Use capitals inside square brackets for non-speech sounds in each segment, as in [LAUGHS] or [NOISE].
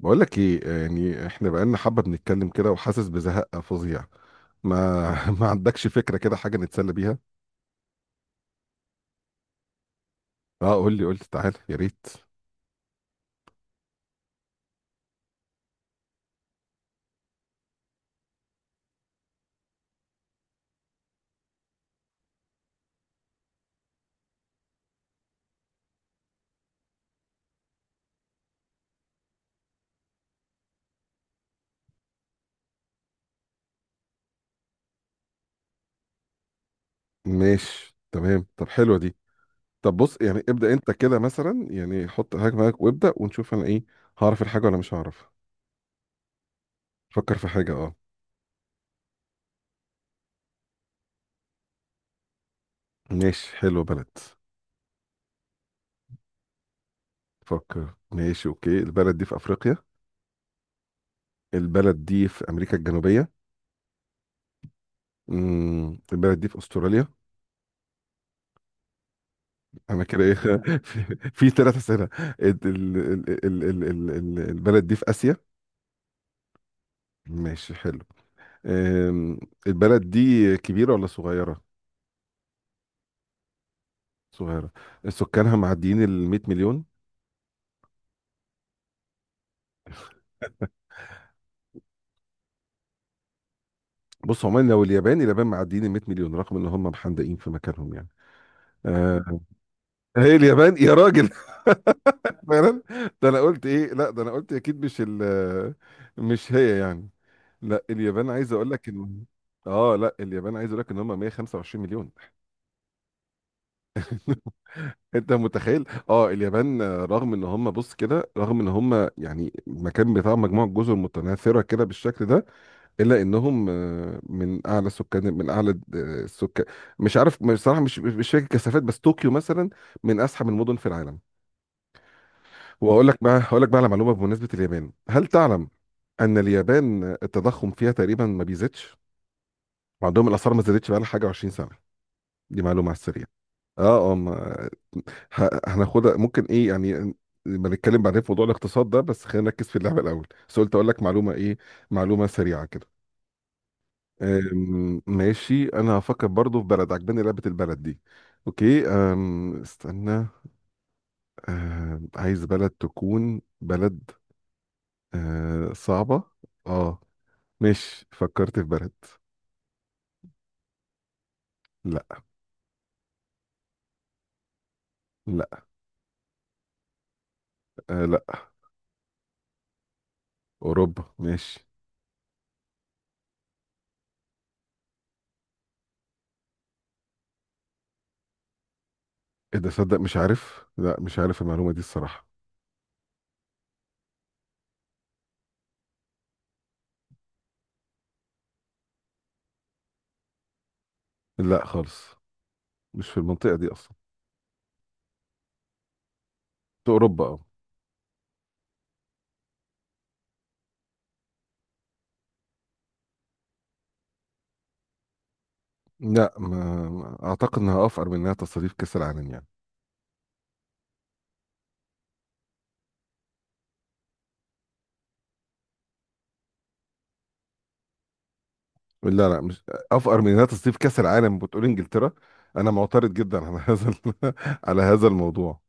بقول لك ايه يعني احنا بقالنا حبه بنتكلم كده وحاسس بزهق فظيع. ما. [LAUGHS] ما عندكش فكره كده حاجه نتسلى بيها؟ اه، قول لي تعالى يا ريت. ماشي تمام، طب حلوه دي. طب بص، يعني ابدا انت كده مثلا، يعني حط حاجه معاك وابدا ونشوف انا ايه، هعرف الحاجه ولا مش هعرف. فكر في حاجه، اه. ماشي حلو، بلد. فكر. ماشي اوكي. البلد دي في افريقيا؟ البلد دي في امريكا الجنوبيه؟ البلد دي في استراليا؟ انا كده ايه، [LAUGHS] في ثلاث اسئله. البلد دي في اسيا؟ ماشي حلو. أم، البلد دي كبيره ولا صغيره؟ صغيره؟ سكانها معديين ال 100 مليون؟ بص عموما، لو اليابان، اليابان معديين ال 100 مليون رغم ان هم محندقين في مكانهم يعني. أه، هي اليابان يا راجل. [LAUGHS] فعلا. ده انا قلت ايه، لا ده انا قلت اكيد مش مش هي يعني. لا اليابان عايز اقول لك ان، اه لا اليابان عايز اقول لك ان هم 125 مليون. انت متخيل؟ اه اليابان رغم ان هم، بص كده، رغم ان هم يعني المكان بتاع مجموعه جزر متناثره كده بالشكل ده، الا انهم من اعلى سكان، من اعلى السكان. مش عارف بصراحه، مش فاكر كثافات، بس طوكيو مثلا من ازحم المدن في العالم. واقول لك بقى، هقول لك بقى على معلومه بمناسبه اليابان. هل تعلم ان اليابان التضخم فيها تقريبا ما بيزيدش، وعندهم الاسعار ما زادتش بقى لها حاجه 20 سنه؟ دي معلومة على السريع. اه اه هناخدها ممكن، ايه يعني، لما نتكلم بعدين في موضوع الاقتصاد ده، بس خلينا نركز في اللعبة الأول. بس قلت أقول لك معلومة، ايه، معلومة سريعة كده. ماشي، أنا هفكر برضو في بلد. عجباني لعبة البلد دي. اوكي، استنى. عايز بلد تكون بلد صعبة. اه، ماشي فكرت في بلد. لا. لا. لا. أوروبا؟ ماشي. ايه ده صدق، مش عارف، لا مش عارف المعلومة دي الصراحة. لا خالص، مش في المنطقة دي أصلا. في أوروبا، أه. لا أعتقد إنها أفقر من إنها تصاريف كأس العالم يعني. لا، لا، مش أفقر من إنها تصاريف كأس العالم بتقول إنجلترا؟ أنا معترض جدا على هذا [LAUGHS] على هذا الموضوع.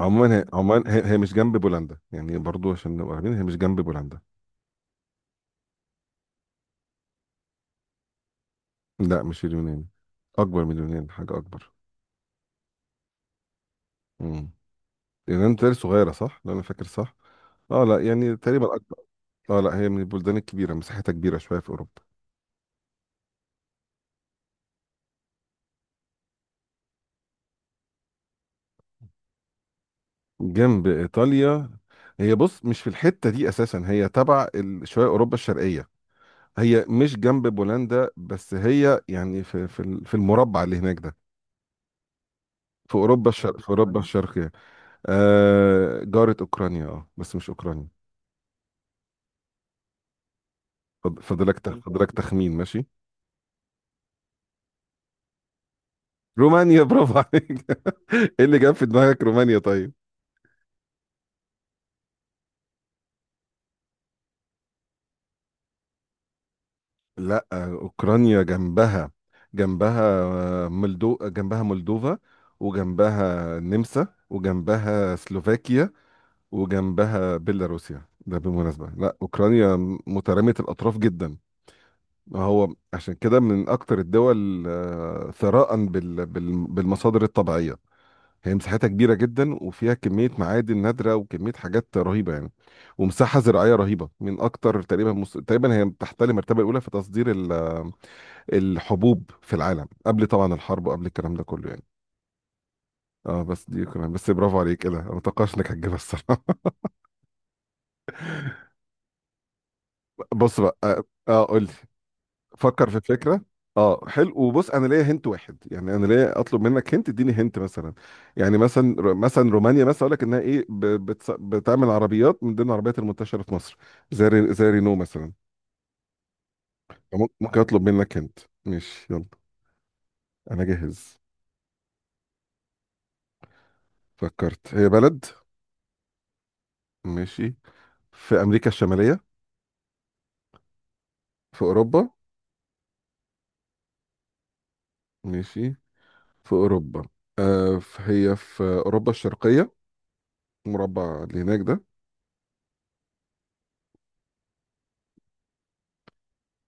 عموما هي، عموما هي, مش جنب بولندا يعني، برضو عشان نبقى عارفين هي مش جنب بولندا. لا مش اليونان، أكبر من اليونان، حاجة أكبر. امم اليونان تقريبا صغيرة صح؟ لو أنا فاكر صح. أه لا يعني تقريبا أكبر. أه لا، هي من البلدان الكبيرة، مساحتها كبيرة شوية في أوروبا. جنب ايطاليا؟ هي بص مش في الحته دي اساسا، هي تبع شويه اوروبا الشرقيه. هي مش جنب بولندا، بس هي يعني في المربع اللي هناك ده. في اوروبا الشرق، جنب في اوروبا أوكرانيا الشرقيه، آه جاره اوكرانيا، اه بس مش اوكرانيا. فاضلك جنب، فاضلك رومانيا تخمين، ماشي. رومانيا، برافو عليك. [LAUGHS] ايه اللي جاب في دماغك رومانيا؟ طيب، لا اوكرانيا جنبها، جنبها آه، ملدو جنبها مولدوفا، وجنبها النمسا وجنبها سلوفاكيا وجنبها بيلاروسيا. ده بالمناسبة لا أوكرانيا مترامية الأطراف جدا. هو عشان كده من أكتر الدول ثراء بالمصادر الطبيعية. هي مساحتها كبيرة جدا وفيها كمية معادن نادرة وكمية حاجات رهيبة يعني، ومساحة زراعية رهيبة، من أكتر تقريبا تقريبا هي تحتل المرتبة الأولى في تصدير الحبوب في العالم، قبل طبعا الحرب وقبل الكلام ده كله يعني. اه بس دي كمان، بس برافو عليك، ايه ده، انا متوقعش انك هتجيبها الصراحه. [LAUGHS] بص بقى، اه قول لي، فكر في الفكره. اه حلو، وبص انا ليا هنت واحد، يعني انا ليا اطلب منك هنت، اديني هنت مثلا، يعني مثلا مثلا رومانيا، مثلا اقول لك انها ايه، بتعمل عربيات من ضمن العربيات المنتشره في مصر زي زي رينو مثلا. ممكن اطلب منك هنت. ماشي يلا، انا جاهز. فكرت، هي بلد. ماشي، في امريكا الشماليه؟ في اوروبا؟ ماشي، في اوروبا. هي في اوروبا الشرقيه، المربع اللي هناك ده.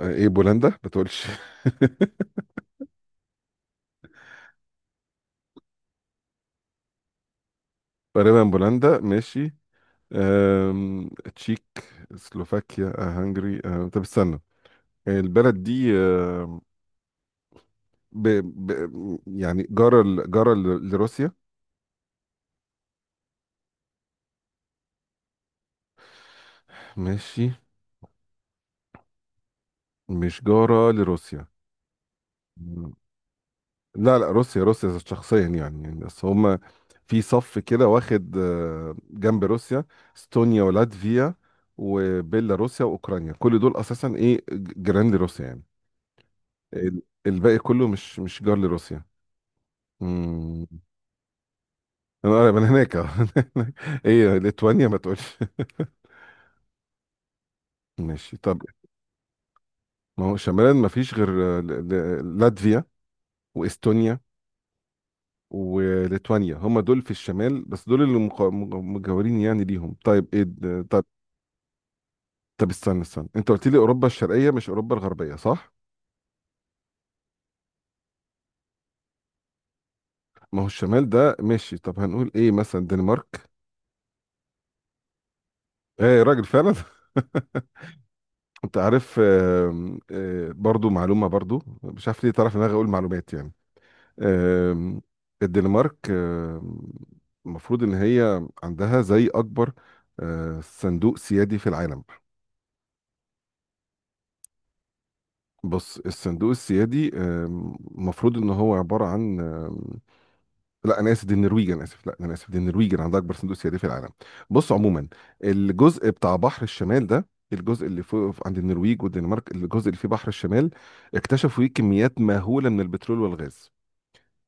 ايه بولندا ما تقولش. [LAUGHS] تقريبا بولندا، ماشي. أم... تشيك، سلوفاكيا، هنغري، طب استنى، البلد دي ب... يعني جارة ل... لروسيا؟ ماشي، مش جارة لروسيا. مم. لا لا، روسيا روسيا شخصيا يعني، يعني بس هما في صف كده واخد جنب روسيا، استونيا ولاتفيا وبيلاروسيا واوكرانيا، كل دول اساسا ايه، جيران لروسيا يعني. الباقي كله مش جار لروسيا. انا قريب من هناك، [LAUGHS] ايه ليتوانيا ما تقولش. [LAUGHS] ماشي، طب ما هو شمالا ما فيش غير لاتفيا واستونيا وليتوانيا. هم دول في الشمال، بس دول اللي مجاورين يعني ليهم. طيب ايه طب، طب استنى انت قلت لي اوروبا الشرقيه مش اوروبا الغربيه صح؟ ما هو الشمال ده، ماشي، طب هنقول ايه مثلا، دنمارك؟ ايه يا راجل، فعلا. [LAUGHS] انت عارف، آم، آه، برضو معلومه، برضو مش عارف ليه طرف دماغي اقول معلومات يعني. آم، الدنمارك المفروض ان هي عندها زي اكبر صندوق سيادي في العالم. بص الصندوق السيادي المفروض ان هو عباره عن لا انا اسف، دي النرويج، انا اسف، لا انا اسف، دي النرويج اللي عندها اكبر صندوق سيادي في العالم. بص عموما، الجزء بتاع بحر الشمال ده، الجزء اللي فوق عند النرويج والدنمارك، الجزء اللي فيه بحر الشمال، اكتشفوا فيه كميات مهوله من البترول والغاز.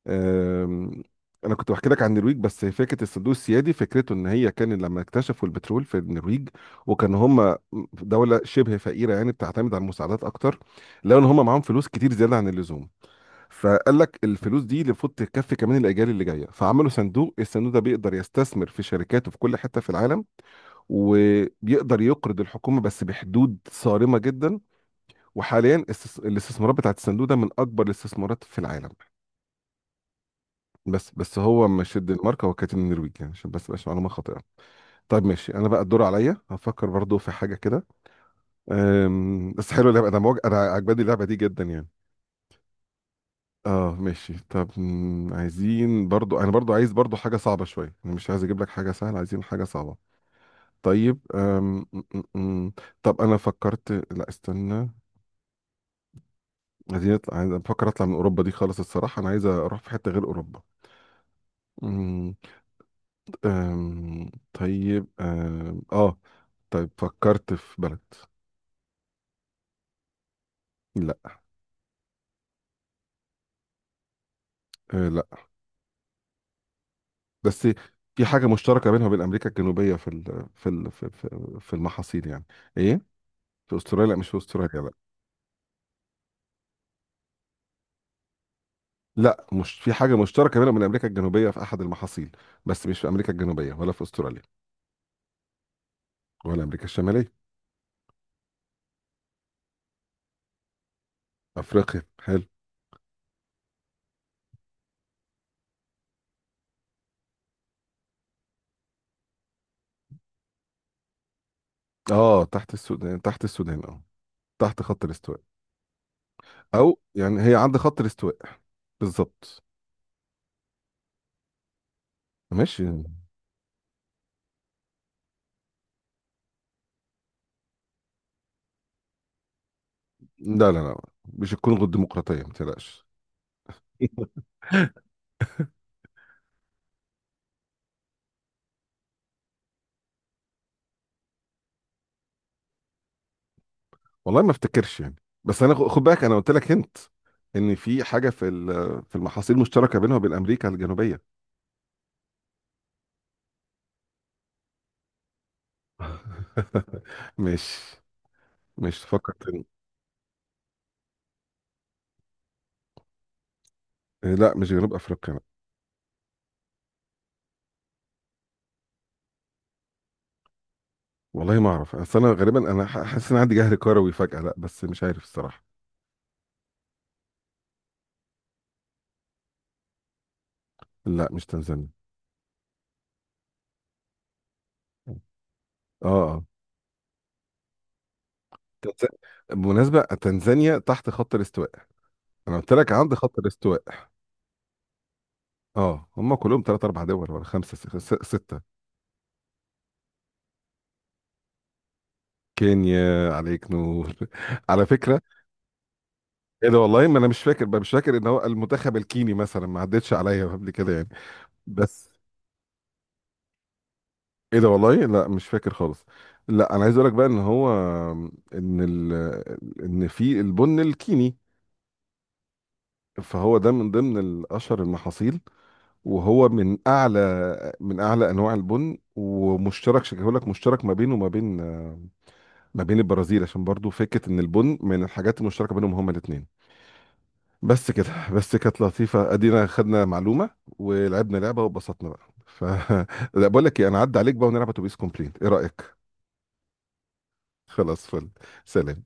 آم، انا كنت بحكي لك عن النرويج، بس فكره الصندوق السيادي فكرته ان هي كان لما اكتشفوا البترول في النرويج، وكان هم دوله شبه فقيره يعني، بتعتمد على المساعدات اكتر، لقوا ان هم معاهم فلوس كتير زياده عن اللزوم، فقال لك الفلوس دي المفروض تكفي كمان الاجيال اللي جايه، فعملوا صندوق. الصندوق ده بيقدر يستثمر في شركاته في كل حته في العالم، وبيقدر يقرض الحكومه بس بحدود صارمه جدا. وحاليا الاستثمارات بتاعت الصندوق ده من اكبر الاستثمارات في العالم. بس هو مش الدنمارك، هو كانت النرويج يعني، عشان بس مبقاش معلومه خاطئه. طيب ماشي، انا بقى الدور عليا، هفكر برضو في حاجه كده. بس حلو اللعبه، انا انا عجباني اللعبه دي جدا يعني. اه ماشي طب، عايزين برضو، انا برضو عايز برضو حاجه صعبه شويه، انا مش عايز اجيب لك حاجه سهله، عايزين حاجه صعبه. طيب أم... م- م- م. طب انا فكرت، لا استنى، عايزين نطلع، عايز بفكر اطلع من اوروبا دي خالص الصراحه، انا عايز اروح في حته غير اوروبا. طيب، اه طيب، فكرت في بلد. لا. أه لا. بس في حاجة مشتركة بينها وبين أمريكا الجنوبية في ال في ال في في في المحاصيل يعني. إيه؟ في أستراليا؟ لا مش في أستراليا لا. لا، مش في حاجة مشتركة بينها وبين أمريكا الجنوبية في أحد المحاصيل، بس مش في أمريكا الجنوبية ولا في أستراليا. ولا أمريكا الشمالية. أفريقيا، حلو. اه تحت السودان، تحت السودان، اه تحت خط الاستواء، أو يعني هي عند خط الاستواء بالظبط. ماشي. لا لا لا، مش هتكون غير ديمقراطيه ما تقلقش. والله ما افتكرش يعني، بس انا خد بالك انا قلت لك هنت ان في حاجه في في المحاصيل المشتركه بينها وبين امريكا الجنوبيه. [LAUGHS] مش مش تفكر تاني. إيه، لا مش جنوب افريقيا لا. والله ما اعرف، اصل انا غالبا انا حاسس ان عندي جهل كروي فجاه، لا بس مش عارف الصراحه. لا مش تنزانيا. اه. اه تنز- بالمناسبة تنزانيا تحت خط الاستواء، انا قلت لك عند خط الاستواء. اه هم كلهم ثلاث اربع دول ولا خمسه سته. كينيا، عليك نور، [LAUGHS] على فكرة. ايه ده، والله ما انا مش فاكر بقى، مش فاكر ان هو المنتخب الكيني مثلا ما عدتش عليا قبل كده يعني. بس ايه ده، والله لا مش فاكر خالص. لا انا عايز اقول لك بقى ان هو، ان ان في البن الكيني، فهو ده من ضمن الاشهر المحاصيل، وهو من اعلى، من اعلى انواع البن، ومشترك شكله لك، مشترك ما بينه وما بين، ما بين البرازيل، عشان برضو فكرة ان البن من الحاجات المشتركة بينهم هما الاثنين. بس كده، بس كانت لطيفة، ادينا خدنا معلومة ولعبنا لعبة واتبسطنا بقى. ف [LAUGHS] لا بقول لك ايه، انا عدى عليك بقى ونلعب اتوبيس كومبليت، ايه رأيك؟ خلاص فل. سلام.